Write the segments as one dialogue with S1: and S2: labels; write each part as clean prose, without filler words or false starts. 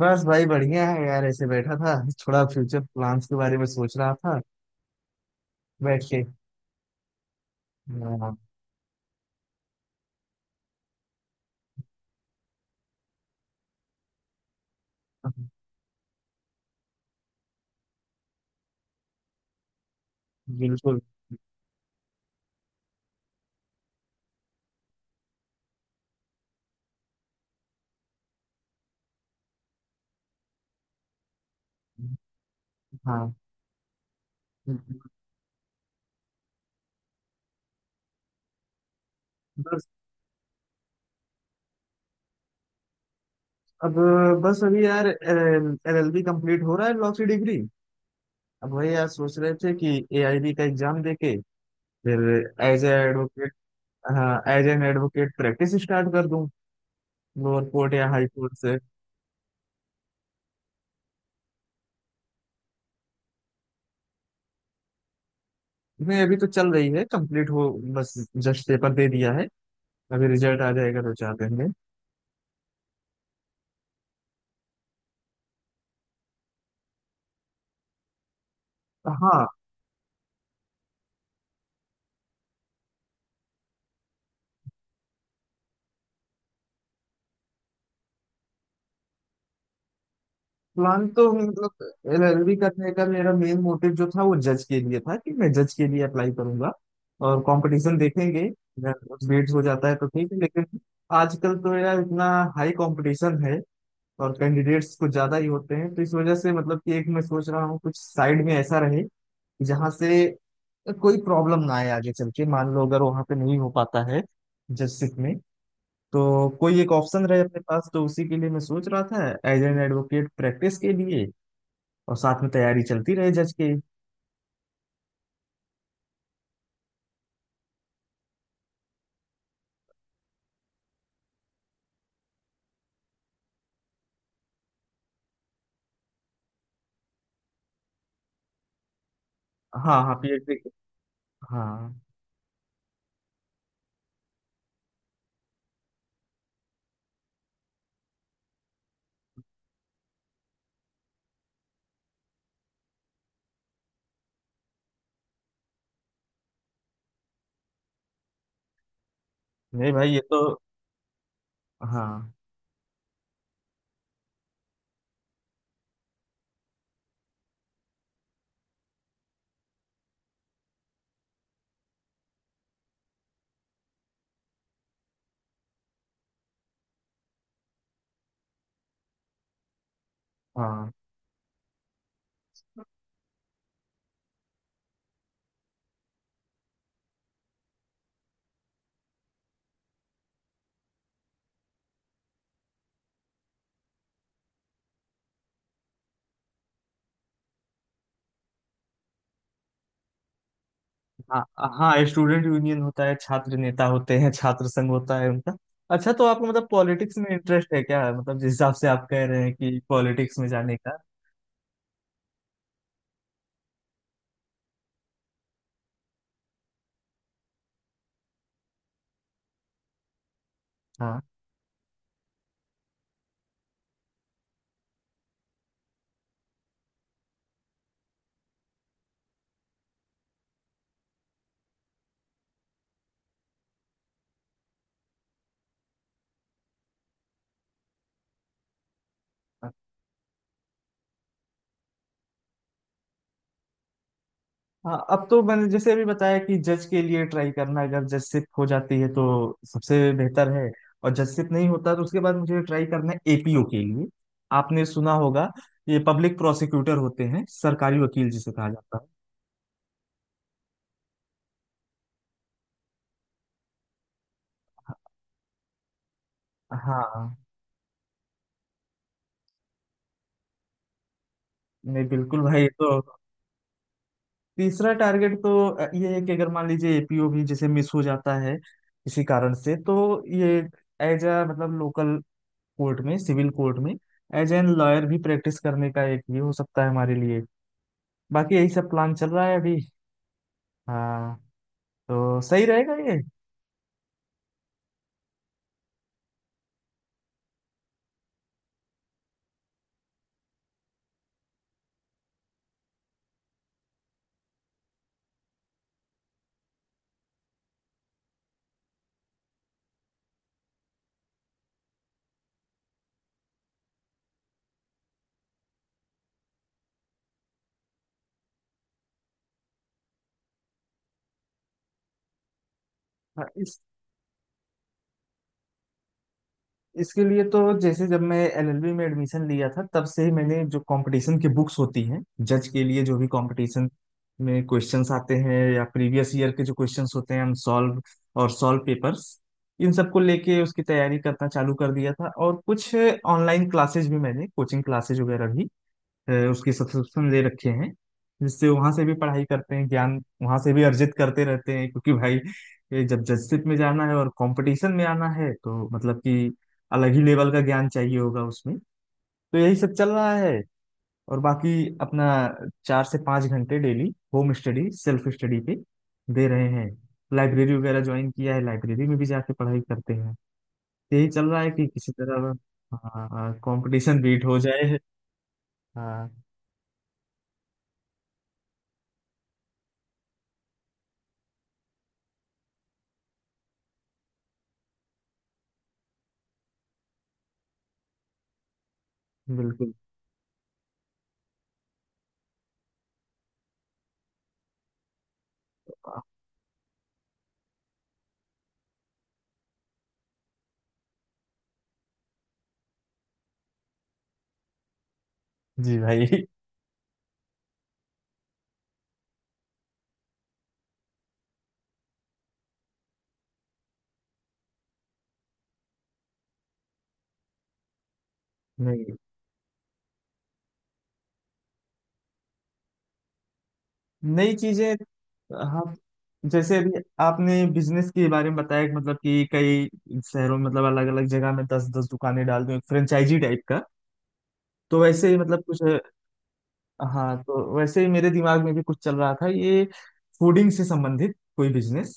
S1: बस भाई बढ़िया है यार। ऐसे बैठा था, थोड़ा फ्यूचर प्लान्स के बारे में सोच रहा था बैठ के। हाँ। बिल्कुल। हाँ। बस, अब, बस अभी यार एलएलबी कंप्लीट हो रहा है, लॉ की डिग्री। अब वही यार सोच रहे थे कि एआईबी का एग्जाम देके फिर एज ए एडवोकेट। हाँ, as an advocate practice start कर दूं, लोअर कोर्ट या हाई कोर्ट से। नहीं, अभी तो चल रही है, कंप्लीट हो। बस जस्ट पेपर दे दिया है, अभी रिजल्ट आ जाएगा दो चार दिन में। हाँ। प्लान तो मतलब एलएलबी करने का मेरा मेन मोटिव जो था वो जज के लिए था, कि मैं जज के लिए अप्लाई करूंगा। और कंपटीशन देखेंगे, अगर कुछ बिट्स हो जाता है तो ठीक है, लेकिन आजकल तो यार इतना हाई कंपटीशन है और कैंडिडेट्स कुछ ज्यादा ही होते हैं। तो इस वजह से मतलब कि एक मैं सोच रहा हूँ कुछ साइड में ऐसा रहे जहाँ से कोई प्रॉब्लम ना आए आगे चल के। मान लो अगर वहां पे नहीं हो पाता है जजशिप में, तो कोई एक ऑप्शन रहे अपने पास। तो उसी के लिए मैं सोच रहा था एज एन एडवोकेट प्रैक्टिस के लिए, और साथ में तैयारी चलती रहे जज की। हाँ हाँ पीएचडी। हाँ। नहीं भाई ये तो। हाँ। हाँ हाँ हाँ स्टूडेंट यूनियन होता है, छात्र नेता होते हैं, छात्र संघ होता है उनका। अच्छा, तो आपको मतलब पॉलिटिक्स में इंटरेस्ट है क्या? मतलब जिस हिसाब से आप कह रहे हैं कि पॉलिटिक्स में जाने का। हाँ। हाँ, अब तो मैंने जैसे अभी बताया कि जज के लिए ट्राई करना, अगर जजशिप हो जाती है तो सबसे बेहतर है। और जजशिप नहीं होता तो उसके बाद मुझे ट्राई करना है एपीओ के लिए। आपने सुना होगा, ये पब्लिक प्रोसिक्यूटर होते हैं, सरकारी वकील जिसे कहा जाता है। हाँ। नहीं बिल्कुल भाई ये तो। तीसरा टारगेट तो ये है कि अगर मान लीजिए एपीओ भी जैसे मिस हो जाता है किसी कारण से, तो ये एज अ मतलब लोकल कोर्ट में, सिविल कोर्ट में, एज एन लॉयर भी प्रैक्टिस करने का एक ये हो सकता है हमारे लिए। बाकी यही सब प्लान चल रहा है अभी। हाँ। तो सही रहेगा ये। हाँ, इस इसके लिए तो जैसे जब मैं एलएलबी में एडमिशन लिया था तब से ही मैंने जो कंपटीशन की बुक्स होती हैं जज के लिए, जो भी कंपटीशन में क्वेश्चंस आते हैं या प्रीवियस ईयर के जो क्वेश्चंस होते हैं, हम सॉल्व और सॉल्व पेपर्स, इन सबको लेके उसकी तैयारी करना चालू कर दिया था। और कुछ ऑनलाइन क्लासेज भी मैंने, कोचिंग क्लासेज वगैरह भी उसके सब्सक्रिप्शन ले रखे हैं, जिससे वहां से भी पढ़ाई करते हैं, ज्ञान वहां से भी अर्जित करते रहते हैं। क्योंकि भाई ये जब जजशिप में जाना है और कंपटीशन में आना है तो मतलब कि अलग ही लेवल का ज्ञान चाहिए होगा उसमें। तो यही सब चल रहा है। और बाकी अपना 4 से 5 घंटे daily home study, self study पे दे रहे हैं। लाइब्रेरी वगैरह ज्वाइन किया है, लाइब्रेरी में भी जाके पढ़ाई करते हैं। यही चल रहा है कि किसी तरह हाँ, कंपटीशन बीट हो जाए। हाँ बिल्कुल। जी भाई। नहीं। नई चीजें। आप जैसे अभी आपने बिजनेस के बारे में बताया कि मतलब कि कई शहरों में, मतलब अलग अलग जगह में 10-10 दुकानें डाल दूं एक फ्रेंचाइजी टाइप का, तो वैसे ही मतलब कुछ। हाँ, तो वैसे ही मेरे दिमाग में भी कुछ चल रहा था, ये फूडिंग से संबंधित कोई बिजनेस,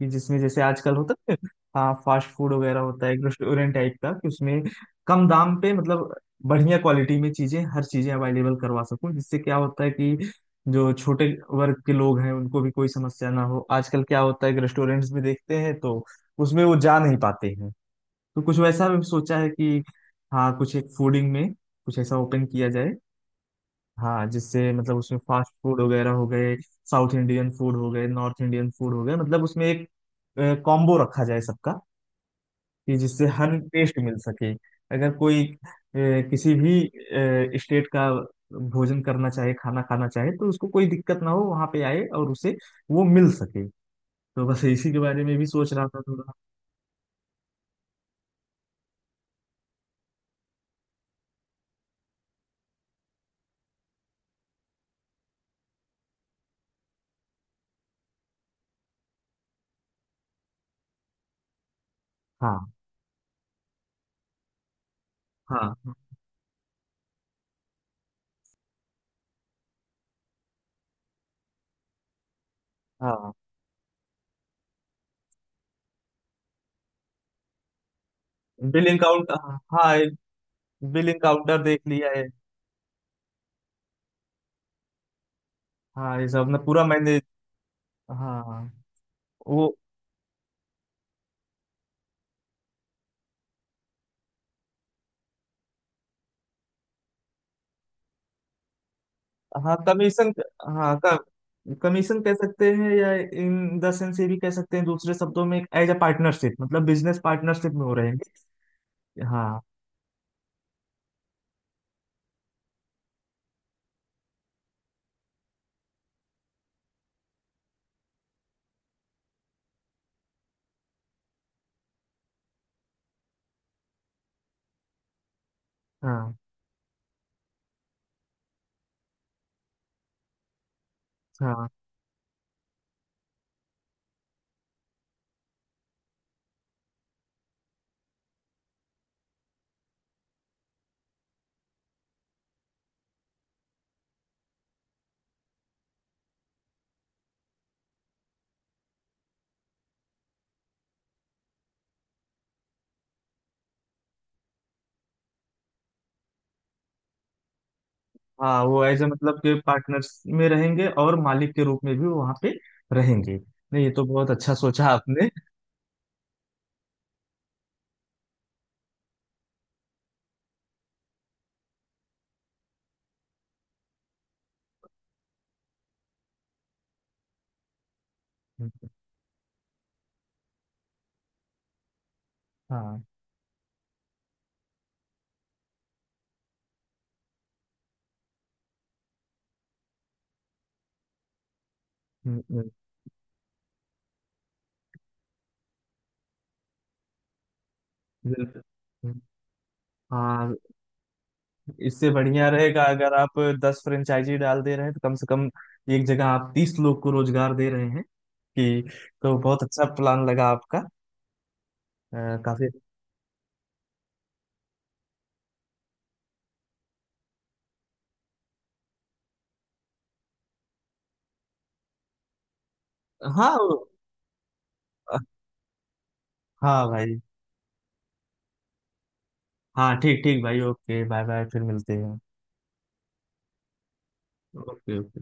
S1: कि जिसमें जैसे आजकल होता है, हाँ, फास्ट फूड वगैरह होता है, एक रेस्टोरेंट टाइप का, कि उसमें कम दाम पे मतलब बढ़िया क्वालिटी में चीजें, हर चीजें अवेलेबल करवा सकूं। जिससे क्या होता है कि जो छोटे वर्ग के लोग हैं उनको भी कोई समस्या ना हो। आजकल क्या होता है कि रेस्टोरेंट्स में देखते हैं तो उसमें वो जा नहीं पाते हैं। तो कुछ वैसा भी सोचा है कि हाँ, कुछ एक फूडिंग में कुछ ऐसा ओपन किया जाए, हाँ, जिससे मतलब उसमें फास्ट फूड वगैरह हो गए, साउथ इंडियन फूड हो गए, नॉर्थ इंडियन फूड हो गए, मतलब उसमें एक कॉम्बो रखा जाए सबका, कि जिससे हर टेस्ट मिल सके। अगर कोई किसी भी स्टेट का भोजन करना चाहे, खाना खाना चाहे, तो उसको कोई दिक्कत ना हो, वहाँ पे आए और उसे वो मिल सके। तो बस इसी के बारे में भी सोच रहा था थोड़ा। हाँ हाँ हाँ। Billing counter. हाँ। बिलिंग काउंटर देख लिया है। हाँ ये सब ना पूरा मैंने। हाँ वो हाँ कमीशन, हाँ का कमीशन कह सकते हैं, या इन द सेंस ये भी कह सकते हैं, दूसरे शब्दों में एज अ पार्टनरशिप, मतलब बिजनेस पार्टनरशिप में हो रहेंगे। हाँ हाँ हाँ। हाँ वो एज अ मतलब के पार्टनर्स में रहेंगे और मालिक के रूप में भी वहाँ पे रहेंगे। नहीं ये तो बहुत अच्छा सोचा आपने। हाँ। हम्म। हम्म। बिल्कुल। हम्म। हाँ, इससे बढ़िया रहेगा, अगर आप 10 फ्रेंचाइजी डाल दे रहे हैं तो कम से कम एक जगह आप 30 लोग को रोजगार दे रहे हैं कि। तो बहुत अच्छा प्लान लगा आपका। अ, काफी। हाँ हाँ भाई। हाँ ठीक ठीक भाई, ओके, बाय बाय, फिर मिलते हैं। Okay okay.